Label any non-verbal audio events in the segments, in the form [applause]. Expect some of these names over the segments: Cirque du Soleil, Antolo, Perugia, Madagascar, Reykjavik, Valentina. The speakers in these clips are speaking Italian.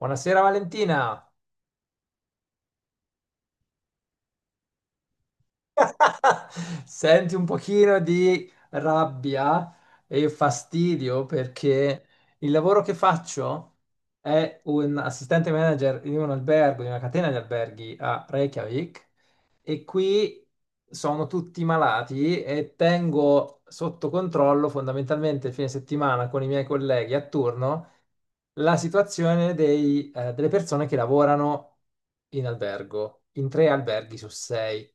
Buonasera Valentina. [laughs] Senti un pochino di rabbia e fastidio perché il lavoro che faccio è un assistente manager in un albergo, in una catena di alberghi a Reykjavik, e qui sono tutti malati e tengo sotto controllo fondamentalmente il fine settimana con i miei colleghi a turno la situazione delle persone che lavorano in albergo, in tre alberghi su sei.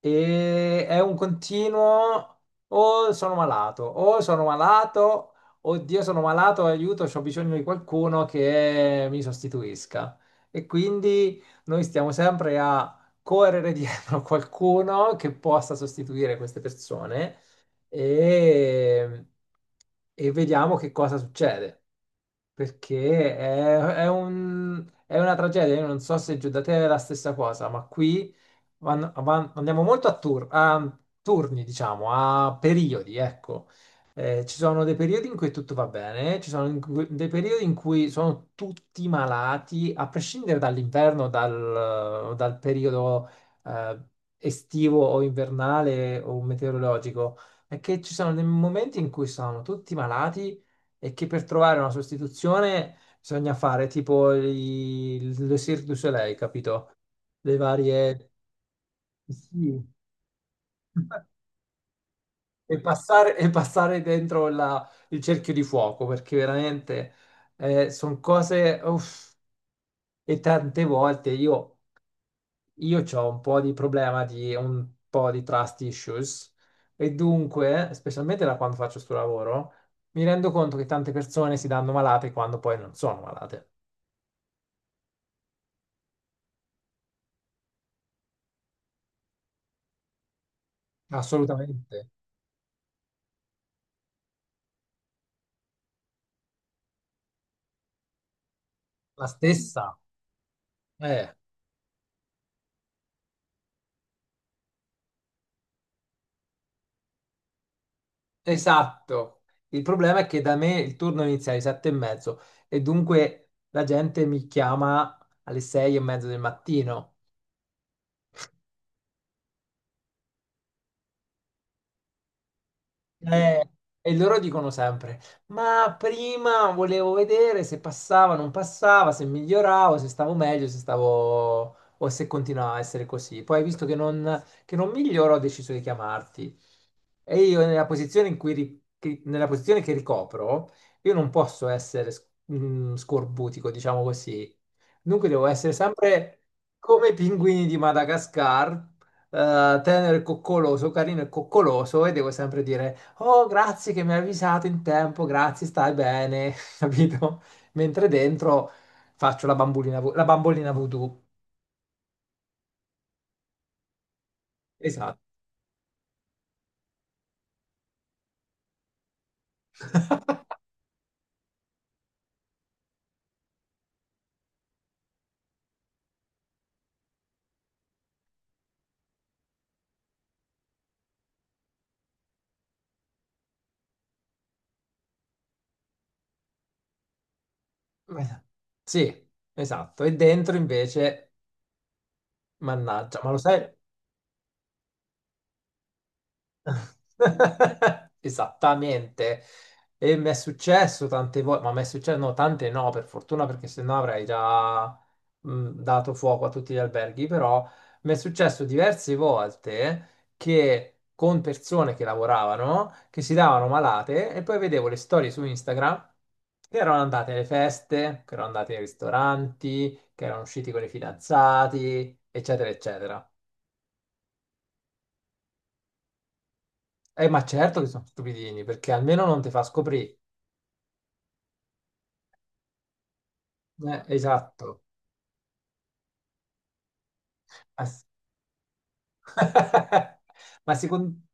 E è un continuo: o sono malato, oddio sono malato, aiuto, ho bisogno di qualcuno che mi sostituisca. E quindi noi stiamo sempre a correre [laughs] dietro a qualcuno che possa sostituire queste persone, e, e vediamo che cosa succede. Perché è una tragedia. Io non so se giù da te è la stessa cosa, ma qui andiamo molto a turni, diciamo, a periodi, ecco. Ci sono dei periodi in cui tutto va bene, ci sono in cui- dei periodi in cui sono tutti malati, a prescindere dall'inverno, dal periodo eh, estivo o invernale o meteorologico. È che ci sono dei momenti in cui sono tutti malati e che per trovare una sostituzione bisogna fare tipo il Cirque du Soleil, capito? Le varie, sì. [laughs] E passare dentro il cerchio di fuoco, perché veramente sono cose... uff, e tante volte io ho un po' di problema di un po' di trust issues. E dunque, specialmente da quando faccio sto lavoro, mi rendo conto che tante persone si danno malate quando poi non sono malate. Assolutamente. La stessa. Eh. Esatto, il problema è che da me il turno inizia alle 7:30, e dunque la gente mi chiama alle 6:30 del mattino. Eh, e loro dicono sempre, ma prima volevo vedere se passava, non passava, se miglioravo, se stavo meglio, se stavo o se continuava a essere così. Poi visto che non miglioro ho deciso di chiamarti. E io nella posizione che ricopro, io non posso essere scorbutico, diciamo così. Dunque devo essere sempre come i pinguini di Madagascar, tenero e coccoloso, carino e coccoloso, e devo sempre dire, oh, grazie che mi hai avvisato in tempo, grazie, stai bene, [laughs] capito? Mentre dentro faccio la bambolina voodoo. Esatto. [laughs] Sì, esatto. E dentro invece, mannaggia, ma lo sai? [laughs] Esattamente, e mi è successo tante volte, ma mi è successo, no, tante no, per fortuna, perché sennò avrei già dato fuoco a tutti gli alberghi, però mi è successo diverse volte che con persone che lavoravano, che si davano malate, e poi vedevo le storie su Instagram che erano andate alle feste, che erano andate ai ristoranti, che erano usciti con i fidanzati, eccetera, eccetera. Ma certo che sono stupidini, perché almeno non ti fa scoprire. Esatto. Ass- [laughs] Ma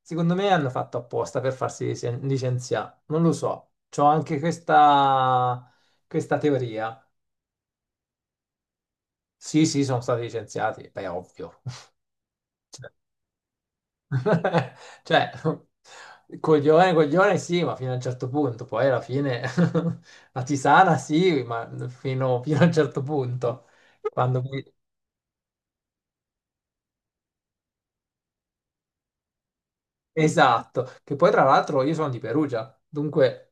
secondo me hanno fatto apposta per farsi licenziare. Non lo so. C'ho anche questa teoria. Sì, sì, sono stati licenziati. Beh, ovvio. [laughs] Cioè, coglione, coglione, sì, ma fino a un certo punto. Poi alla fine [laughs] la tisana, sì, ma fino a un certo punto. Quando poi- Esatto. Che poi, tra l'altro, io sono di Perugia. Dunque...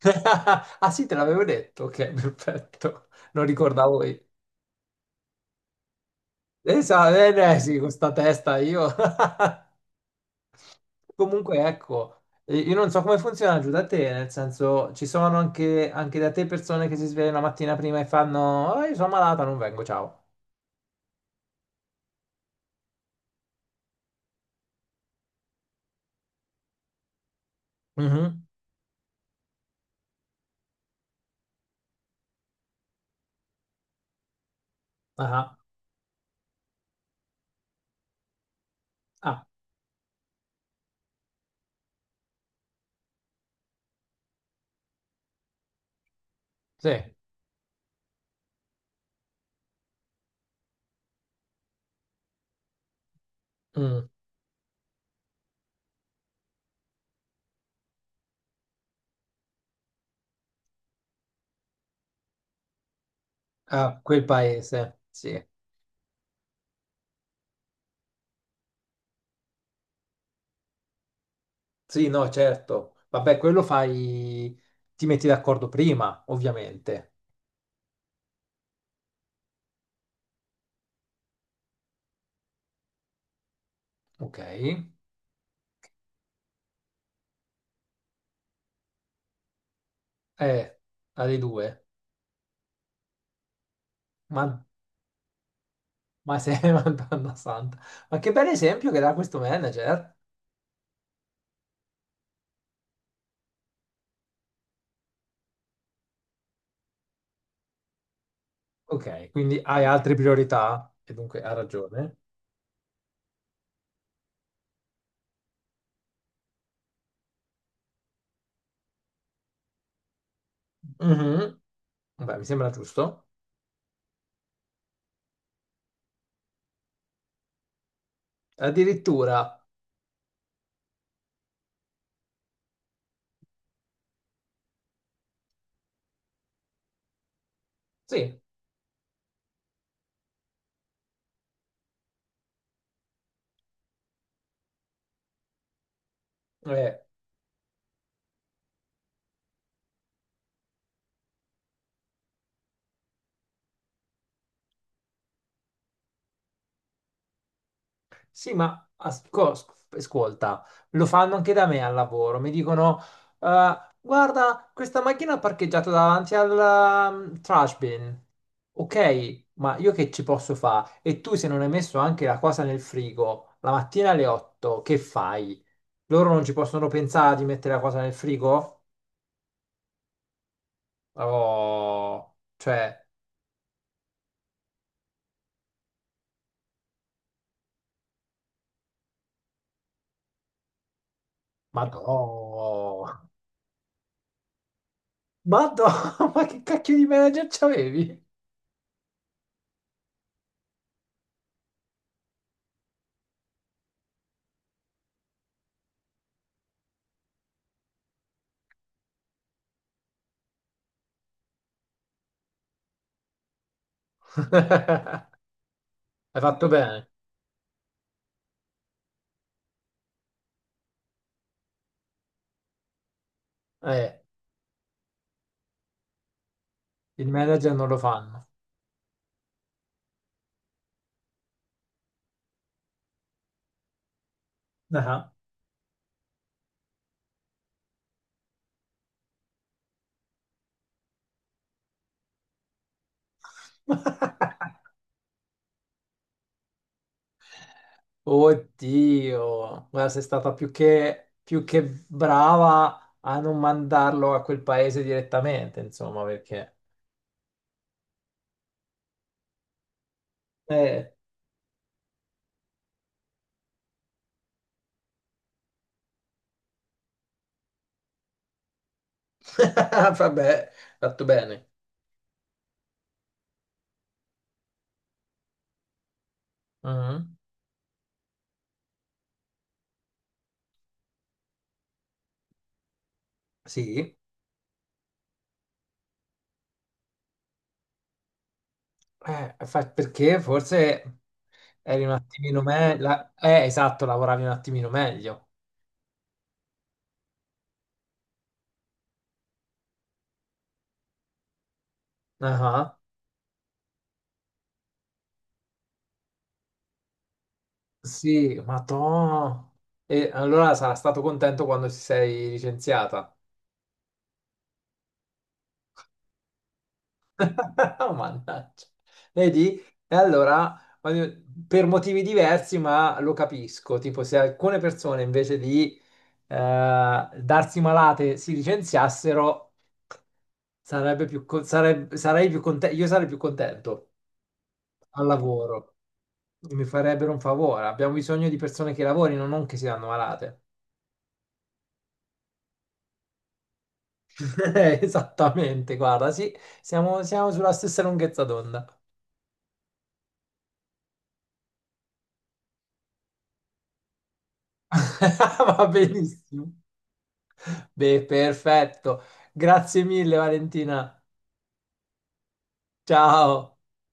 [laughs] Ah sì, te l'avevo detto. Ok, [laughs] perfetto. Non ricordavo io. Esatto, sì, con sta testa io. [laughs] Comunque, ecco, io non so come funziona giù da te, nel senso, ci sono anche da te persone che si svegliano la mattina prima e fanno, "Ah, io sono malata, non vengo, ciao." Mhm. Ah, ah, sì. Mm. Ah, quel paese, sì. Sì, no, certo. Vabbè, quello fai, ti metti d'accordo prima, ovviamente. Ok. Eh, alle due. Ma, ma sei [laughs] Madonna santa. Ma che bel esempio che dà questo manager. Ok, quindi hai altre priorità e dunque ha ragione. Mhm. Beh, mi sembra giusto. Addirittura, sì, eh, Sì, ma ascolta, lo fanno anche da me al lavoro. Mi dicono, guarda, questa macchina è parcheggiata davanti al trash bin." Ok, ma io che ci posso fare? E tu se non hai messo anche la cosa nel frigo, la mattina alle 8, che fai? Loro non ci possono pensare di mettere la cosa nel frigo? Oh, cioè, madò, madò, [laughs] ma che cacchio di manager c'avevi? [laughs] Hai fatto bene. Eh, il manager non lo fanno. Ah, [laughs] Oddio, guarda, sei stata più che brava a non mandarlo a quel paese direttamente, insomma, perché... Eh, [laughs] vabbè, fatto bene. Mhm. Sì. Perché forse eri un attimino meglio... esatto, lavoravi un attimino meglio. Ah. Sì, ma to... E allora sarà stato contento quando ti sei licenziata. [laughs] Mannaggia. Vedi? E allora, per motivi diversi, ma lo capisco. Tipo, se alcune persone invece di darsi malate si licenziassero, sarebbe più, co- sareb- sarei più contento, io sarei più contento al lavoro. Mi farebbero un favore. Abbiamo bisogno di persone che lavorino, non che si danno malate. [laughs] Esattamente, guarda, sì, siamo sulla stessa lunghezza d'onda. [laughs] Va benissimo. Beh, perfetto. Grazie mille, Valentina. Ciao.